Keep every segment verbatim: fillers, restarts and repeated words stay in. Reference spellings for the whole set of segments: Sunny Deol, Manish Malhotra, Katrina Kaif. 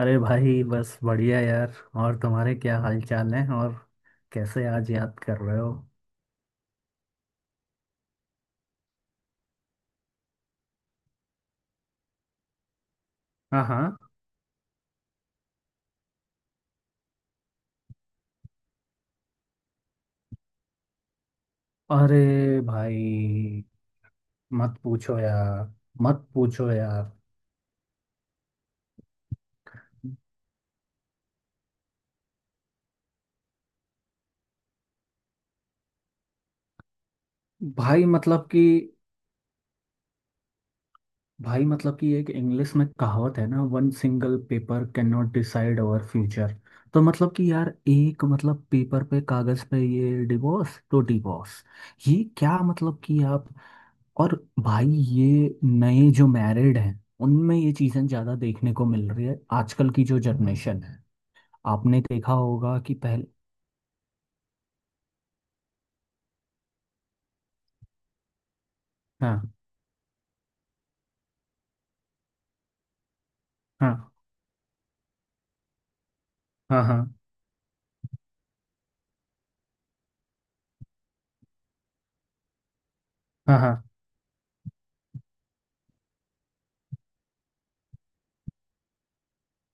अरे भाई बस बढ़िया यार। और तुम्हारे क्या हाल चाल है? और कैसे आज याद कर रहे हो? हाँ हाँ। अरे भाई मत पूछो यार। मत पूछो यार। भाई मतलब कि भाई मतलब कि एक इंग्लिश में कहावत है ना, one single paper can not decide our future. तो मतलब कि यार, एक मतलब पेपर पे, कागज पे ये डिवोर्स तो डिवोर्स। ये क्या, मतलब कि आप, और भाई ये नए जो मैरिड हैं उनमें ये चीज़ें ज़्यादा देखने को मिल रही है, आजकल की जो जनरेशन है। आपने देखा होगा कि पहले। हाँ हाँ। हाँ हाँ। हाँ हाँ।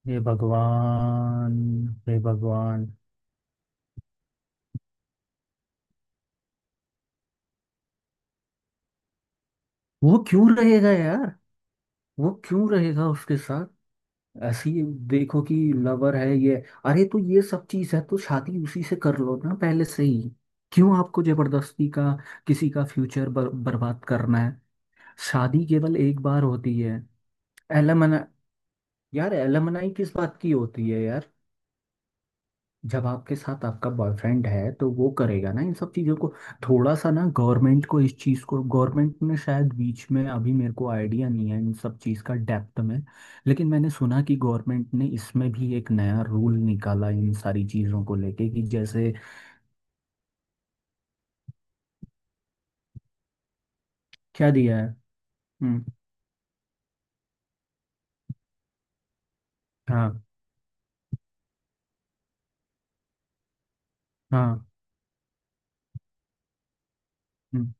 हे भगवान। हे भगवान। वो क्यों रहेगा यार? वो क्यों रहेगा उसके साथ? ऐसी, देखो कि लवर है ये। अरे तो ये सब चीज़ है तो शादी उसी से कर लो ना पहले से ही। क्यों आपको जबरदस्ती का किसी का फ्यूचर बर, बर्बाद करना है? शादी केवल एक बार होती है। एलमना यार एलमनाई किस बात की होती है यार? जब आपके साथ आपका बॉयफ्रेंड है तो वो करेगा ना इन सब चीज़ों को। थोड़ा सा ना गवर्नमेंट को इस चीज़ को, गवर्नमेंट ने शायद बीच में, अभी मेरे को आइडिया नहीं है इन सब चीज़ का डेप्थ में। लेकिन मैंने सुना कि गवर्नमेंट ने इसमें भी एक नया रूल निकाला इन सारी चीज़ों को लेके कि जैसे। क्या दिया है? हम्म। हाँ हाँ। हम्म।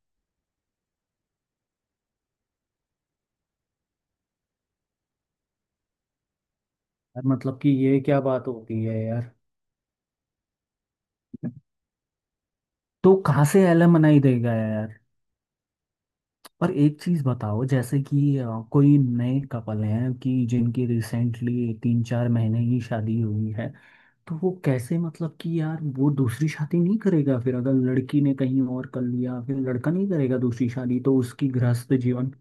यार, मतलब कि ये क्या बात होती है यार? तो कहाँ से एलमनाई देगा यार? पर एक चीज बताओ, जैसे कि अ, कोई नए कपल हैं कि जिनकी रिसेंटली तीन चार महीने ही शादी हुई है। तो वो कैसे, मतलब कि यार वो दूसरी शादी नहीं करेगा फिर, अगर लड़की ने कहीं और कर लिया फिर लड़का नहीं करेगा दूसरी शादी, तो उसकी गृहस्थ जीवन।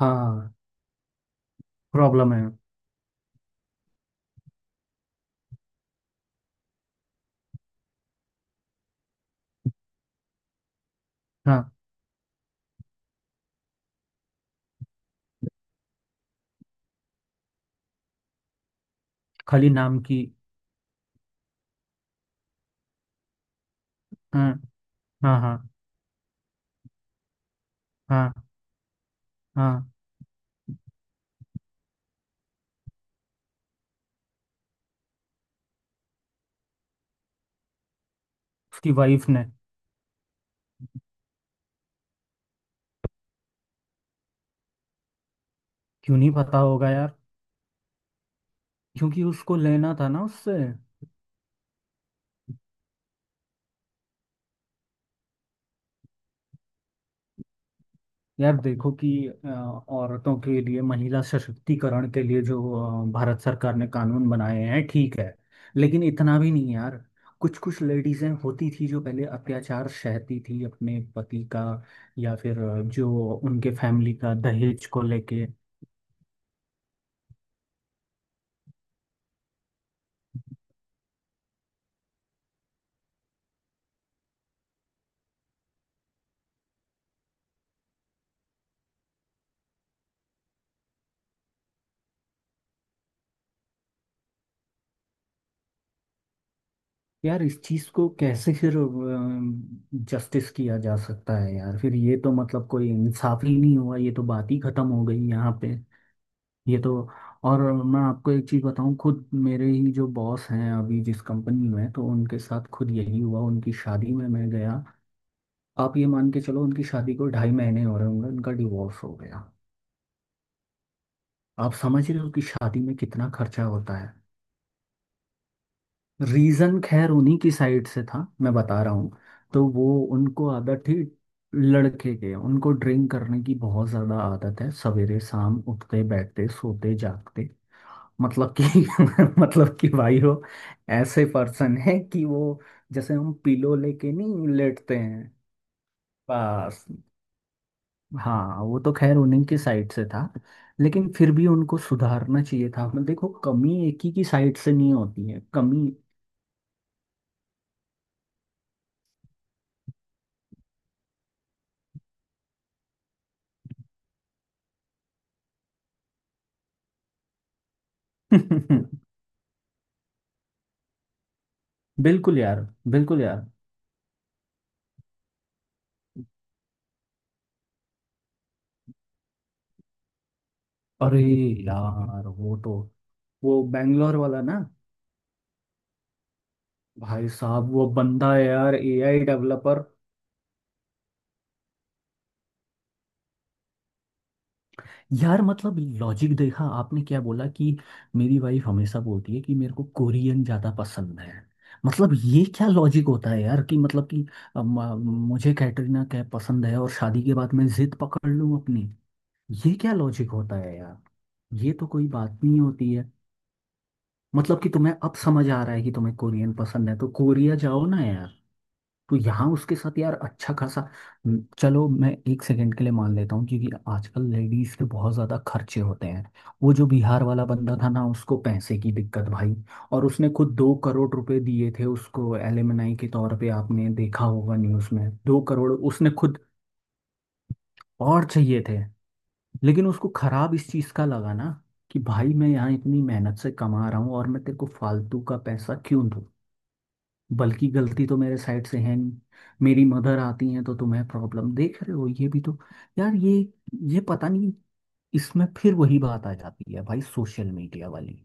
हाँ। प्रॉब्लम है। हाँ। खाली नाम की। हाँ हाँ। हाँ हाँ हाँ। उसकी वाइफ ने? क्यों नहीं पता होगा यार? क्योंकि उसको लेना था ना उससे। यार देखो कि अ, औरतों के लिए, महिला सशक्तिकरण के लिए जो अ, भारत सरकार ने कानून बनाए हैं ठीक है। लेकिन इतना भी नहीं यार। कुछ कुछ लेडीजें होती थी जो पहले अत्याचार सहती थी अपने पति का। या फिर अ, जो उनके फैमिली का दहेज को लेके। यार इस चीज को कैसे फिर जस्टिस किया जा सकता है यार? फिर ये तो मतलब कोई इंसाफ ही नहीं हुआ। ये तो बात ही खत्म हो गई यहाँ पे। ये तो। और मैं आपको एक चीज़ बताऊं, खुद मेरे ही जो बॉस हैं अभी जिस कंपनी में, तो उनके साथ खुद यही हुआ, उनकी शादी में मैं गया। आप ये मान के चलो, उनकी शादी को ढाई महीने हो रहे होंगे, उनका डिवोर्स हो गया। आप समझ रहे हो कि शादी में कितना खर्चा होता है। रीज़न खैर उन्हीं की साइड से था, मैं बता रहा हूँ। तो वो, उनको आदत थी, लड़के के उनको ड्रिंक करने की बहुत ज़्यादा आदत है, सवेरे शाम उठते बैठते सोते जागते। मतलब कि मतलब कि भाई वो ऐसे पर्सन है कि वो जैसे हम पिलो लेके नहीं लेटते हैं। बस। हाँ वो तो खैर उन्हीं की साइड से था। लेकिन फिर भी उनको सुधारना चाहिए था, मतलब देखो कमी एक ही की साइड से नहीं होती है, कमी। बिल्कुल यार। बिल्कुल यार। अरे यार वो तो, वो बैंगलोर वाला ना। भाई साहब वो बंदा है यार, ए आई डेवलपर। यार मतलब लॉजिक देखा आपने क्या बोला कि, मेरी वाइफ हमेशा बोलती है कि मेरे को कोरियन ज़्यादा पसंद है। मतलब ये क्या लॉजिक होता है यार कि मतलब कि अ, म- मुझे कैटरीना कैफ पसंद है और शादी के बाद मैं जिद पकड़ लूँ अपनी। ये क्या लॉजिक होता है यार? ये तो कोई बात नहीं होती है। मतलब कि तुम्हें अब समझ आ रहा है कि तुम्हें कोरियन पसंद है तो कोरिया जाओ ना यार। तो यहाँ उसके साथ यार अच्छा खासा। हम्म, चलो मैं एक सेकंड के लिए मान लेता हूँ, क्योंकि आजकल लेडीज के बहुत ज्यादा खर्चे होते हैं। वो जो बिहार वाला बंदा था ना, उसको पैसे की दिक्कत भाई। और उसने खुद दो करोड़ रुपए दिए थे उसको एलिमनाई के तौर पे, आपने देखा होगा न्यूज में, दो करोड़ उसने खुद। और चाहिए थे। लेकिन उसको खराब इस चीज का लगा ना कि भाई मैं यहाँ इतनी मेहनत से कमा रहा हूँ और मैं तेरे को फालतू का पैसा क्यों दूँ? बल्कि गलती तो मेरे साइड से है नहीं। मेरी मदर आती हैं तो तुम्हें प्रॉब्लम, देख रहे हो ये भी तो। यार ये ये पता नहीं। इसमें फिर वही बात आ जाती है भाई, सोशल मीडिया वाली।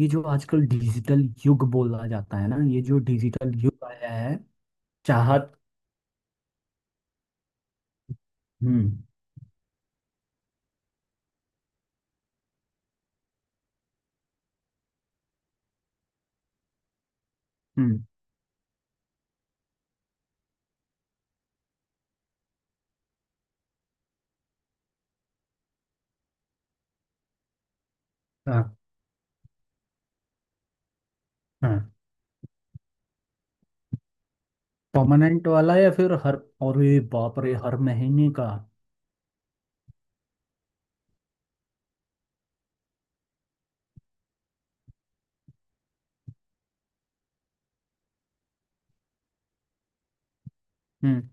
ये जो आजकल डिजिटल युग बोला जाता है ना, ये जो डिजिटल युग आया है। चाहत। हम्म हम्म। हाँ हाँ। परमानेंट वाला या फिर हर? अरे बाप रे, हर महीने का? हम्म।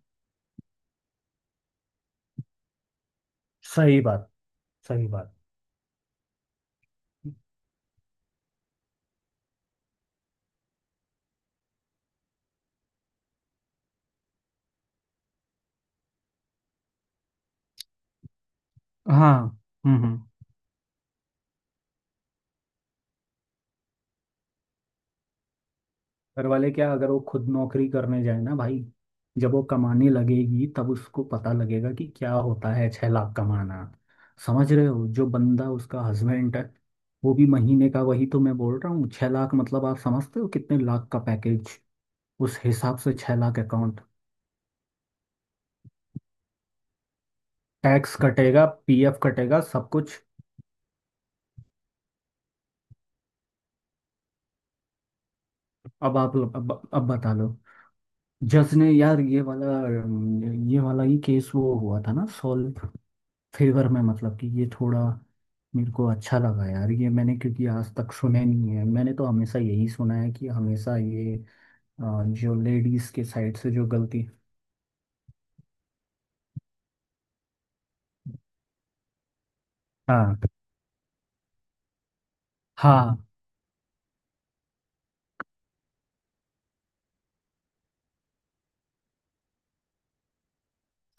सही बात। सही बात। हाँ। हम्म हम्म। घर वाले क्या, अगर वो खुद नौकरी करने जाए ना भाई। जब वो कमाने लगेगी तब उसको पता लगेगा कि क्या होता है छह लाख कमाना। समझ रहे हो, जो बंदा उसका हस्बैंड है। वो भी महीने का, वही तो मैं बोल रहा हूँ। छह लाख मतलब आप समझते हो कितने लाख का पैकेज? उस हिसाब से छह लाख अकाउंट। टैक्स कटेगा, पी एफ कटेगा, सब कुछ। अब आप अब, अब बता लो। जज ने यार, ये वाला, ये वाला ही केस वो हुआ था ना सॉल्व, फेवर में, मतलब कि ये थोड़ा मेरे को अच्छा लगा यार ये, मैंने, क्योंकि आज तक सुने नहीं है, मैंने तो हमेशा यही सुना है कि हमेशा ये अ, जो लेडीज के साइड से जो गलती। हाँ हाँ।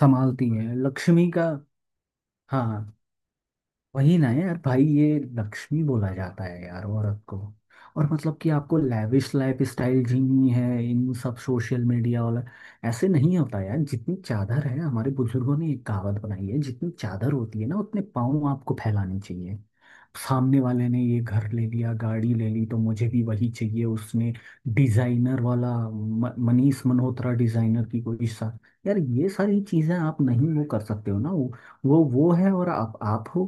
संभालती है लक्ष्मी का। हाँ। वही ना यार भाई, ये लक्ष्मी बोला जाता है यार औरत को। और मतलब कि आपको लैविश लाइफ स्टाइल जीनी है, इन सब सोशल मीडिया वाला। ऐसे नहीं होता यार। जितनी चादर है, हमारे बुजुर्गों ने एक कहावत बनाई है, जितनी चादर होती है ना उतने पाँव आपको फैलाने चाहिए। सामने वाले ने ये घर ले लिया, गाड़ी ले ली, तो मुझे भी वही चाहिए। उसने डिजाइनर वाला म- मनीष मल्होत्रा डिजाइनर की कोई सा। यार ये सारी चीजें आप नहीं वो कर सकते हो ना, वो वो वो है और आप आप हो।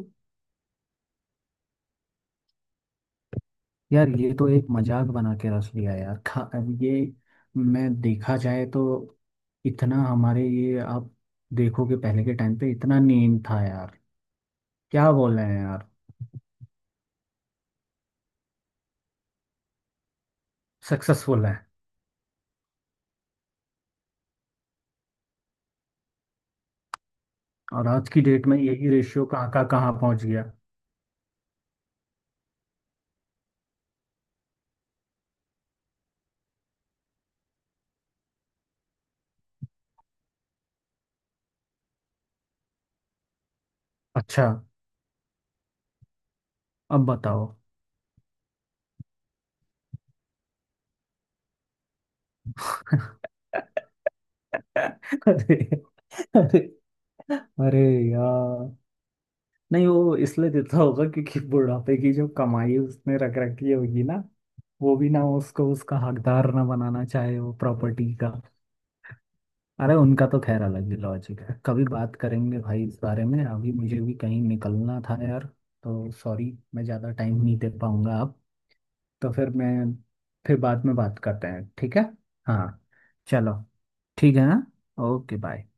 यार ये तो एक मजाक बना के रख लिया यार, खा अब ये। मैं देखा जाए तो इतना हमारे ये, आप देखोगे पहले के टाइम पे इतना नीम था यार। क्या बोल रहे हैं यार? सक्सेसफुल है। और आज की डेट में यही रेशियो कहाँ का कहाँ पहुंच गया? अच्छा। अब बताओ। अरे। अरे। अरे यार। नहीं वो इसलिए देता होगा क्योंकि बुढ़ापे की जो कमाई उसने रख रखी होगी ना, वो भी ना उसको उसका हकदार ना बनाना चाहे वो प्रॉपर्टी का। अरे उनका तो खैर अलग ही लॉजिक है, कभी बात करेंगे भाई इस बारे में। अभी मुझे भी कहीं निकलना था यार, तो सॉरी मैं ज़्यादा टाइम नहीं दे पाऊंगा अब। तो फिर मैं, फिर बाद में बात करते हैं ठीक है। हाँ। चलो ठीक है। हाँ। Okay bye.